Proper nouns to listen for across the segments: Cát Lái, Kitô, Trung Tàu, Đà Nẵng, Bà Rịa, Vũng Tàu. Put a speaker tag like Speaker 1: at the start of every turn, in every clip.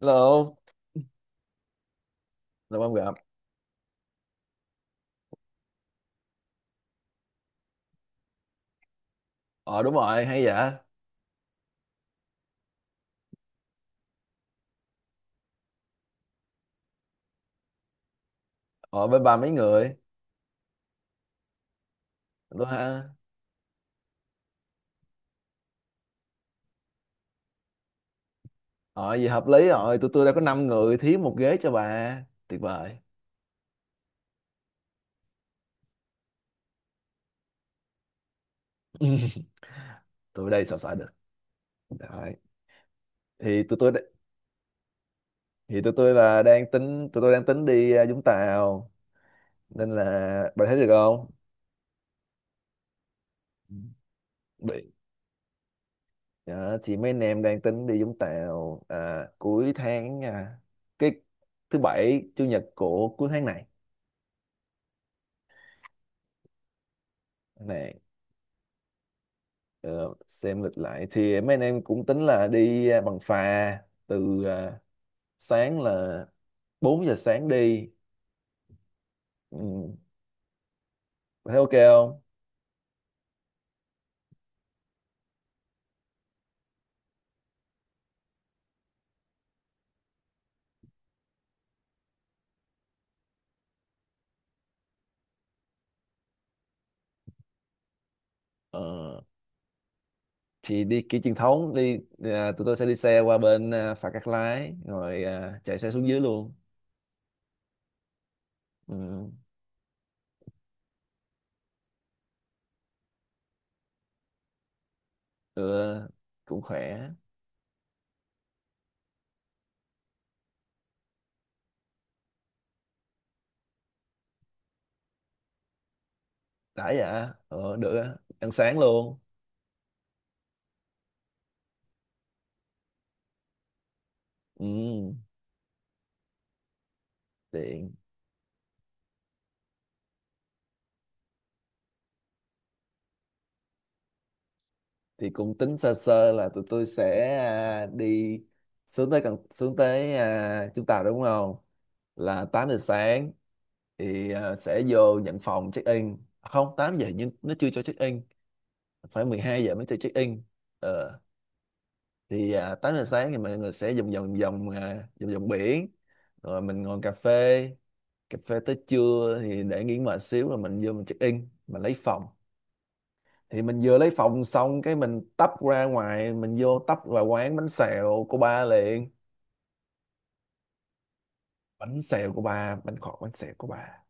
Speaker 1: Hello, lâu không gặp. Ờ, đúng rồi, hay dạ. Ờ, bên bà mấy người? Tôi ha. Ờ, vậy hợp lý rồi, tụi tôi đã có 5 người thiếu một ghế cho bà. Tuyệt vời. Tụi đây sao xài được. Đấy. Thì tụi tôi thì tụi tôi đang tính đi Vũng Tàu, nên là bà thấy được không? Bị. Dạ, chị mấy anh em đang tính đi Vũng Tàu cuối tháng, cái thứ bảy chủ nhật của cuối tháng này. Này. Ờ, xem lịch lại thì mấy anh em cũng tính là đi bằng phà, từ sáng, là 4 giờ sáng đi. Ừ, thấy ok không? ờ, thì đi kiểu truyền thống, đi tụi tôi sẽ đi xe qua bên phà Cát Lái rồi chạy xe xuống dưới luôn. Ừ, được, cũng khỏe. Đã dạ, được á. Ăn sáng luôn. Ừ, tiện. Thì cũng tính sơ sơ là tụi tôi sẽ đi xuống tới Trung Tàu đúng không, là 8 giờ sáng thì sẽ vô nhận phòng check in, không, 8 giờ nhưng nó chưa cho check in, phải 12 giờ mới cho check in. ờ, thì 8 giờ sáng thì mọi người sẽ vòng vòng vòng à, vòng vòng biển, rồi mình ngồi cà phê tới trưa, thì để nghỉ mệt xíu rồi mình vô mình check in mình lấy phòng. Thì mình vừa lấy phòng xong cái mình tấp ra ngoài, mình tấp vào quán bánh xèo của ba liền. Bánh xèo của ba, bánh khọt, bánh xèo của ba.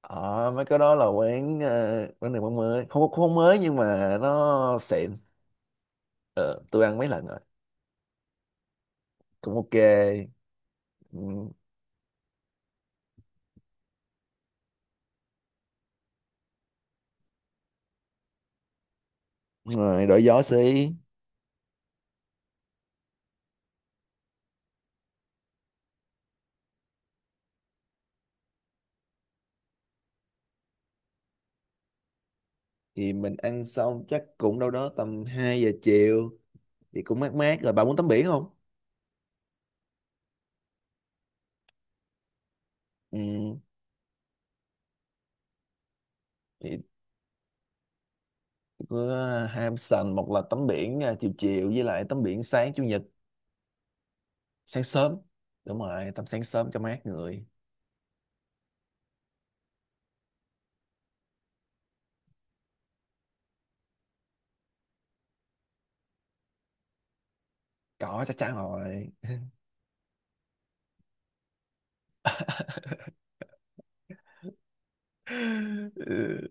Speaker 1: Ờ, mấy cái đó là quán này quán mới, không, không mới nhưng mà nó xịn. Ờ, tôi ăn mấy lần rồi, cũng ok. Ừ. Đúng rồi, đổi gió xí. Thì mình ăn xong chắc cũng đâu đó tầm 2 giờ chiều, thì cũng mát mát rồi, bà muốn tắm biển không? Ừ. Thì có ham sành, một là tắm biển chiều chiều, với lại tắm biển sáng chủ nhật, sáng sớm. Đúng rồi, tắm sáng sớm cho mát người. Có, chắc chắn rồi. Ừ,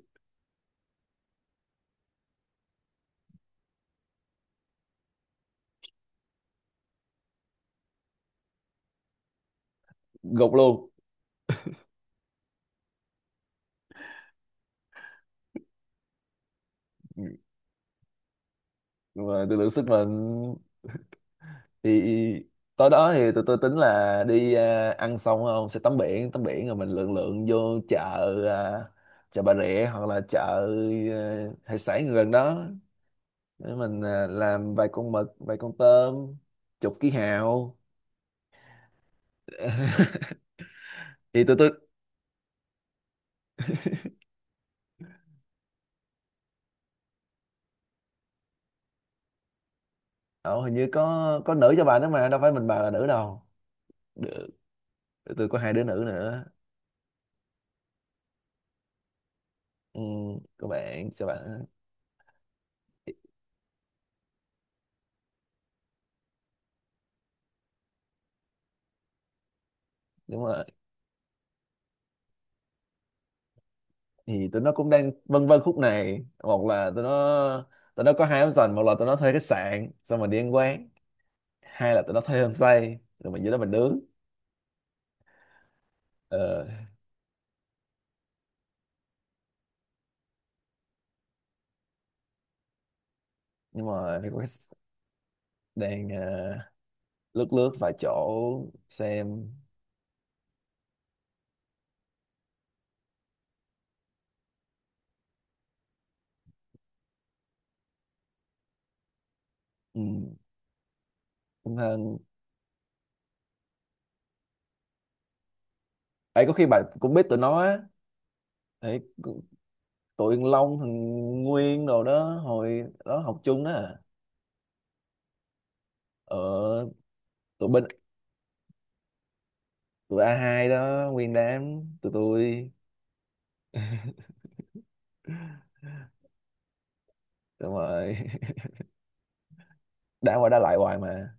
Speaker 1: gục luôn. Mà tôi lượng sức mình. Thì tối đó thì tụi tôi tính là đi ăn xong không sẽ tắm biển, tắm biển rồi mình lượn lượn vô chợ, à, chợ Bà Rịa hoặc là chợ hải sản gần đó, để mình làm vài con mực, vài con tôm, chục ký hào. Thì tụi tôi, ờ, hình như có nữ cho bà nữa, mà đâu phải mình bà là nữ đâu. Tụi tôi có hai đứa nữ nữa. Ừ, các bạn, các bạn. Đúng rồi. Thì tụi nó cũng đang vân vân khúc này, một là tụi nó có hai option, một là tụi nó thuê khách sạn xong rồi đi ăn quán, hai là tụi nó thuê homestay rồi mình dưới đó mình nướng. ờ, nhưng mà thì có cái đang lướt lướt vài chỗ xem. Ừ, cũng hơn. Ấy, có khi bà cũng biết tụi nó á. Ấy, tụi Long, thằng Nguyên đồ đó, hồi đó học chung đó à. ờ Tụi bên, tụi a hai đó, nguyên đám tụi tôi. Đúng rồi. Đã qua đã lại hoài mà.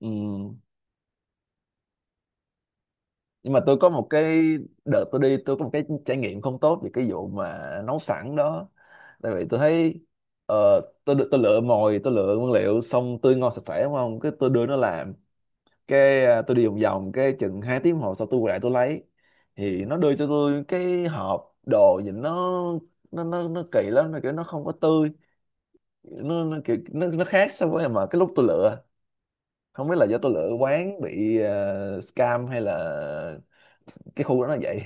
Speaker 1: Ừ. Nhưng mà tôi có một cái, đợt tôi đi tôi có một cái trải nghiệm không tốt về cái vụ mà nấu sẵn đó. Tại vì tôi thấy, ờ, tôi lựa mồi, tôi lựa nguyên liệu xong tươi ngon sạch sẽ đúng không, cái tôi đưa nó làm, cái tôi đi vòng vòng cái chừng 2 tiếng hồ sau tôi quay lại tôi lấy, thì nó đưa cho tôi cái hộp đồ nhìn nó kỳ lắm, nó kiểu nó không có tươi, nó kiểu nó khác so với mà cái lúc tôi lựa. Không biết là do tôi lựa quán bị scam hay là cái khu đó nó vậy.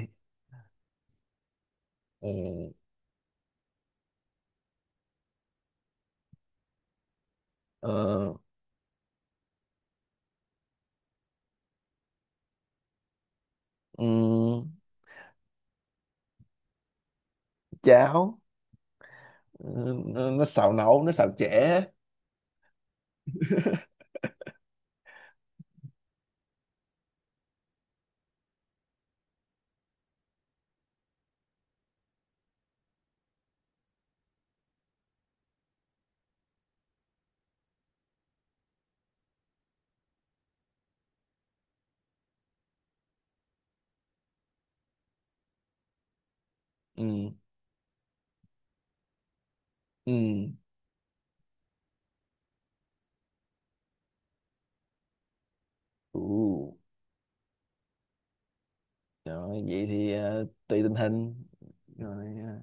Speaker 1: Ừ. Ờ. ừm, Cháo. Ừ, nó xào nấu, nó xào chẻ. Ừ, ừ. Ừ. Rồi, vậy thì tùy tình hình. Rồi,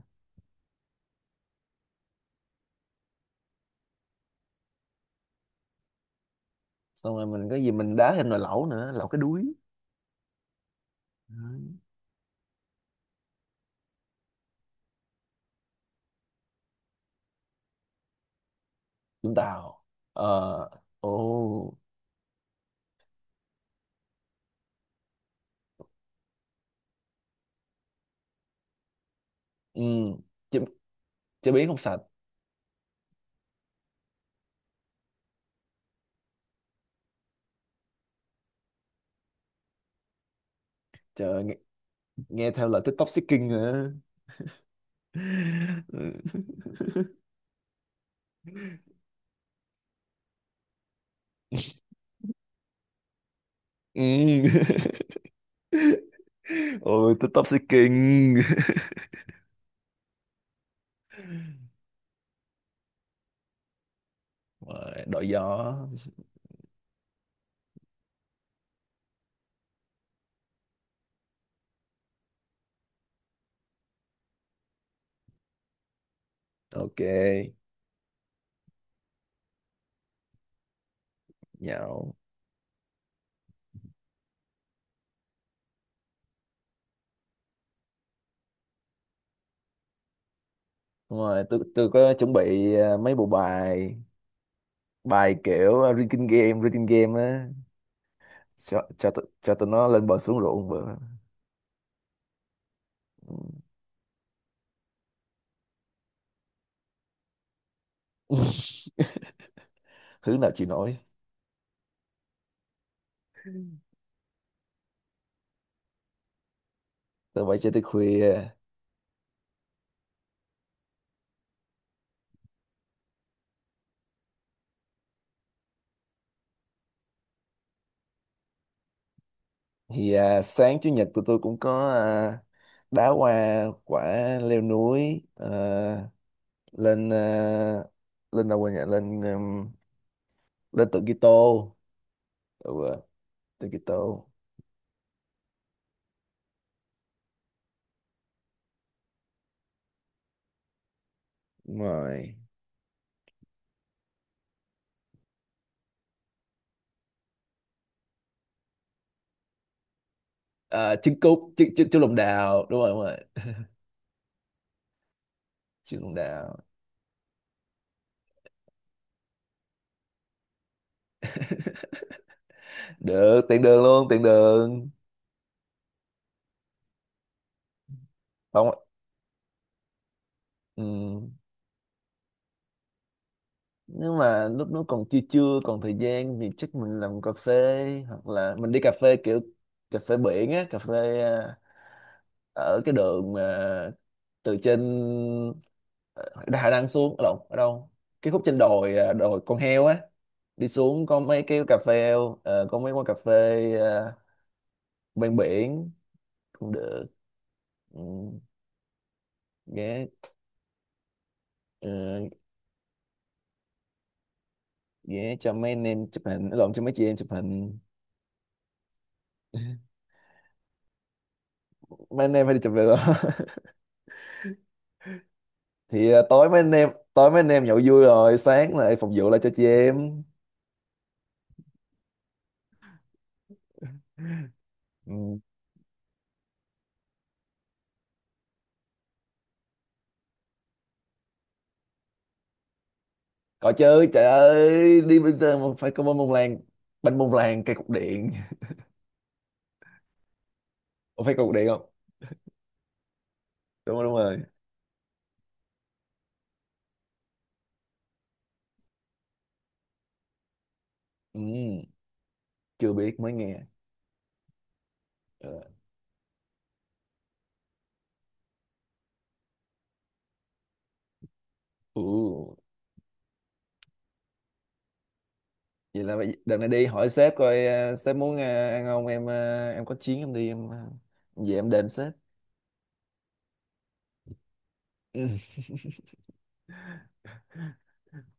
Speaker 1: xong rồi mình có gì mình đá thêm nồi lẩu nữa, lẩu cái đuối. Đấy. Vũng Tàu. Ờ. Ồ. Ừ. chế, chế biến không sạch. Trời, nghe theo lời TikTok seeking hả? Ừ. Ôi, TikTok seeking. Rồi đổi gió. Ok. Nhậu. Đúng rồi, tôi có chuẩn bị mấy bộ bài, bài kiểu reading game, reading game á, cho tụi nó lên bờ xuống ruộng bữa. Ừ. Thứ nào chịu nổi. Tôi phải chơi tới khuya. Thì sáng chủ nhật tụi tôi cũng có đá hoa quả, leo núi lên lên đâu quên nhỉ, lên lên tượng Kitô. Ừ, tượng Kitô. Đúng rồi. Trứng cút, trứng trứng trứng lòng đào, đúng rồi, đúng rồi. Trứng lòng đào. Được, tiện đường luôn, tiện đường. Không. Ừ. Nếu mà lúc nó còn chưa chưa còn thời gian, thì chắc mình làm cà phê, hoặc là mình đi cà phê kiểu cà phê biển á, cà phê ở cái đường từ trên Đà Nẵng xuống, lộn, ở đâu, cái khúc trên đồi, đồi con heo á, đi xuống có mấy cái cà phê. Có mấy quán cà phê, ờ, bên biển cũng được. Ừ, ghé. ờ, Ghé cho mấy anh em chụp hình, lộn, cho mấy chị em chụp hình. Mấy anh em phải đi chụp, được rồi. Thì tối mấy anh em nhậu vui rồi sáng lại phục vụ lại cho chị em. Ừ. Có chứ, trời ơi, đi bây giờ mà phải có bánh bông lan. Bánh bông lan cây cục điện. Ủa, phải cây cục điện không? Đúng rồi, đúng rồi. Ừ, chưa biết, mới nghe. Ờ, ừ. Vậy là đợt này đi hỏi sếp coi, sếp muốn ăn không, em em có chuyến em đi, về em đền sếp. Ừ.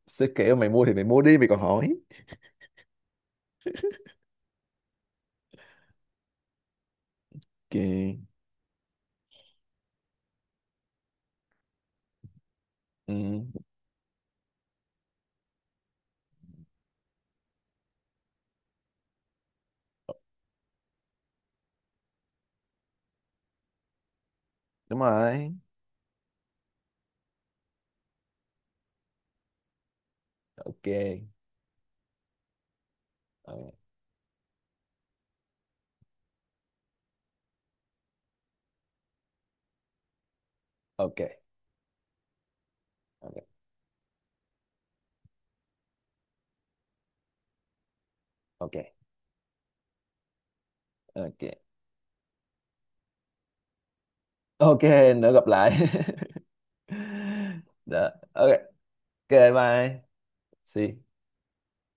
Speaker 1: Sếp kêu mày mua thì mày mua đi, mày còn hỏi. Kì. Ừ. Đúng rồi. Ok. Ờ, ok. Ok, ok, ok, ok, Nữa gặp lại. Đó, ok. Ok, bye, see.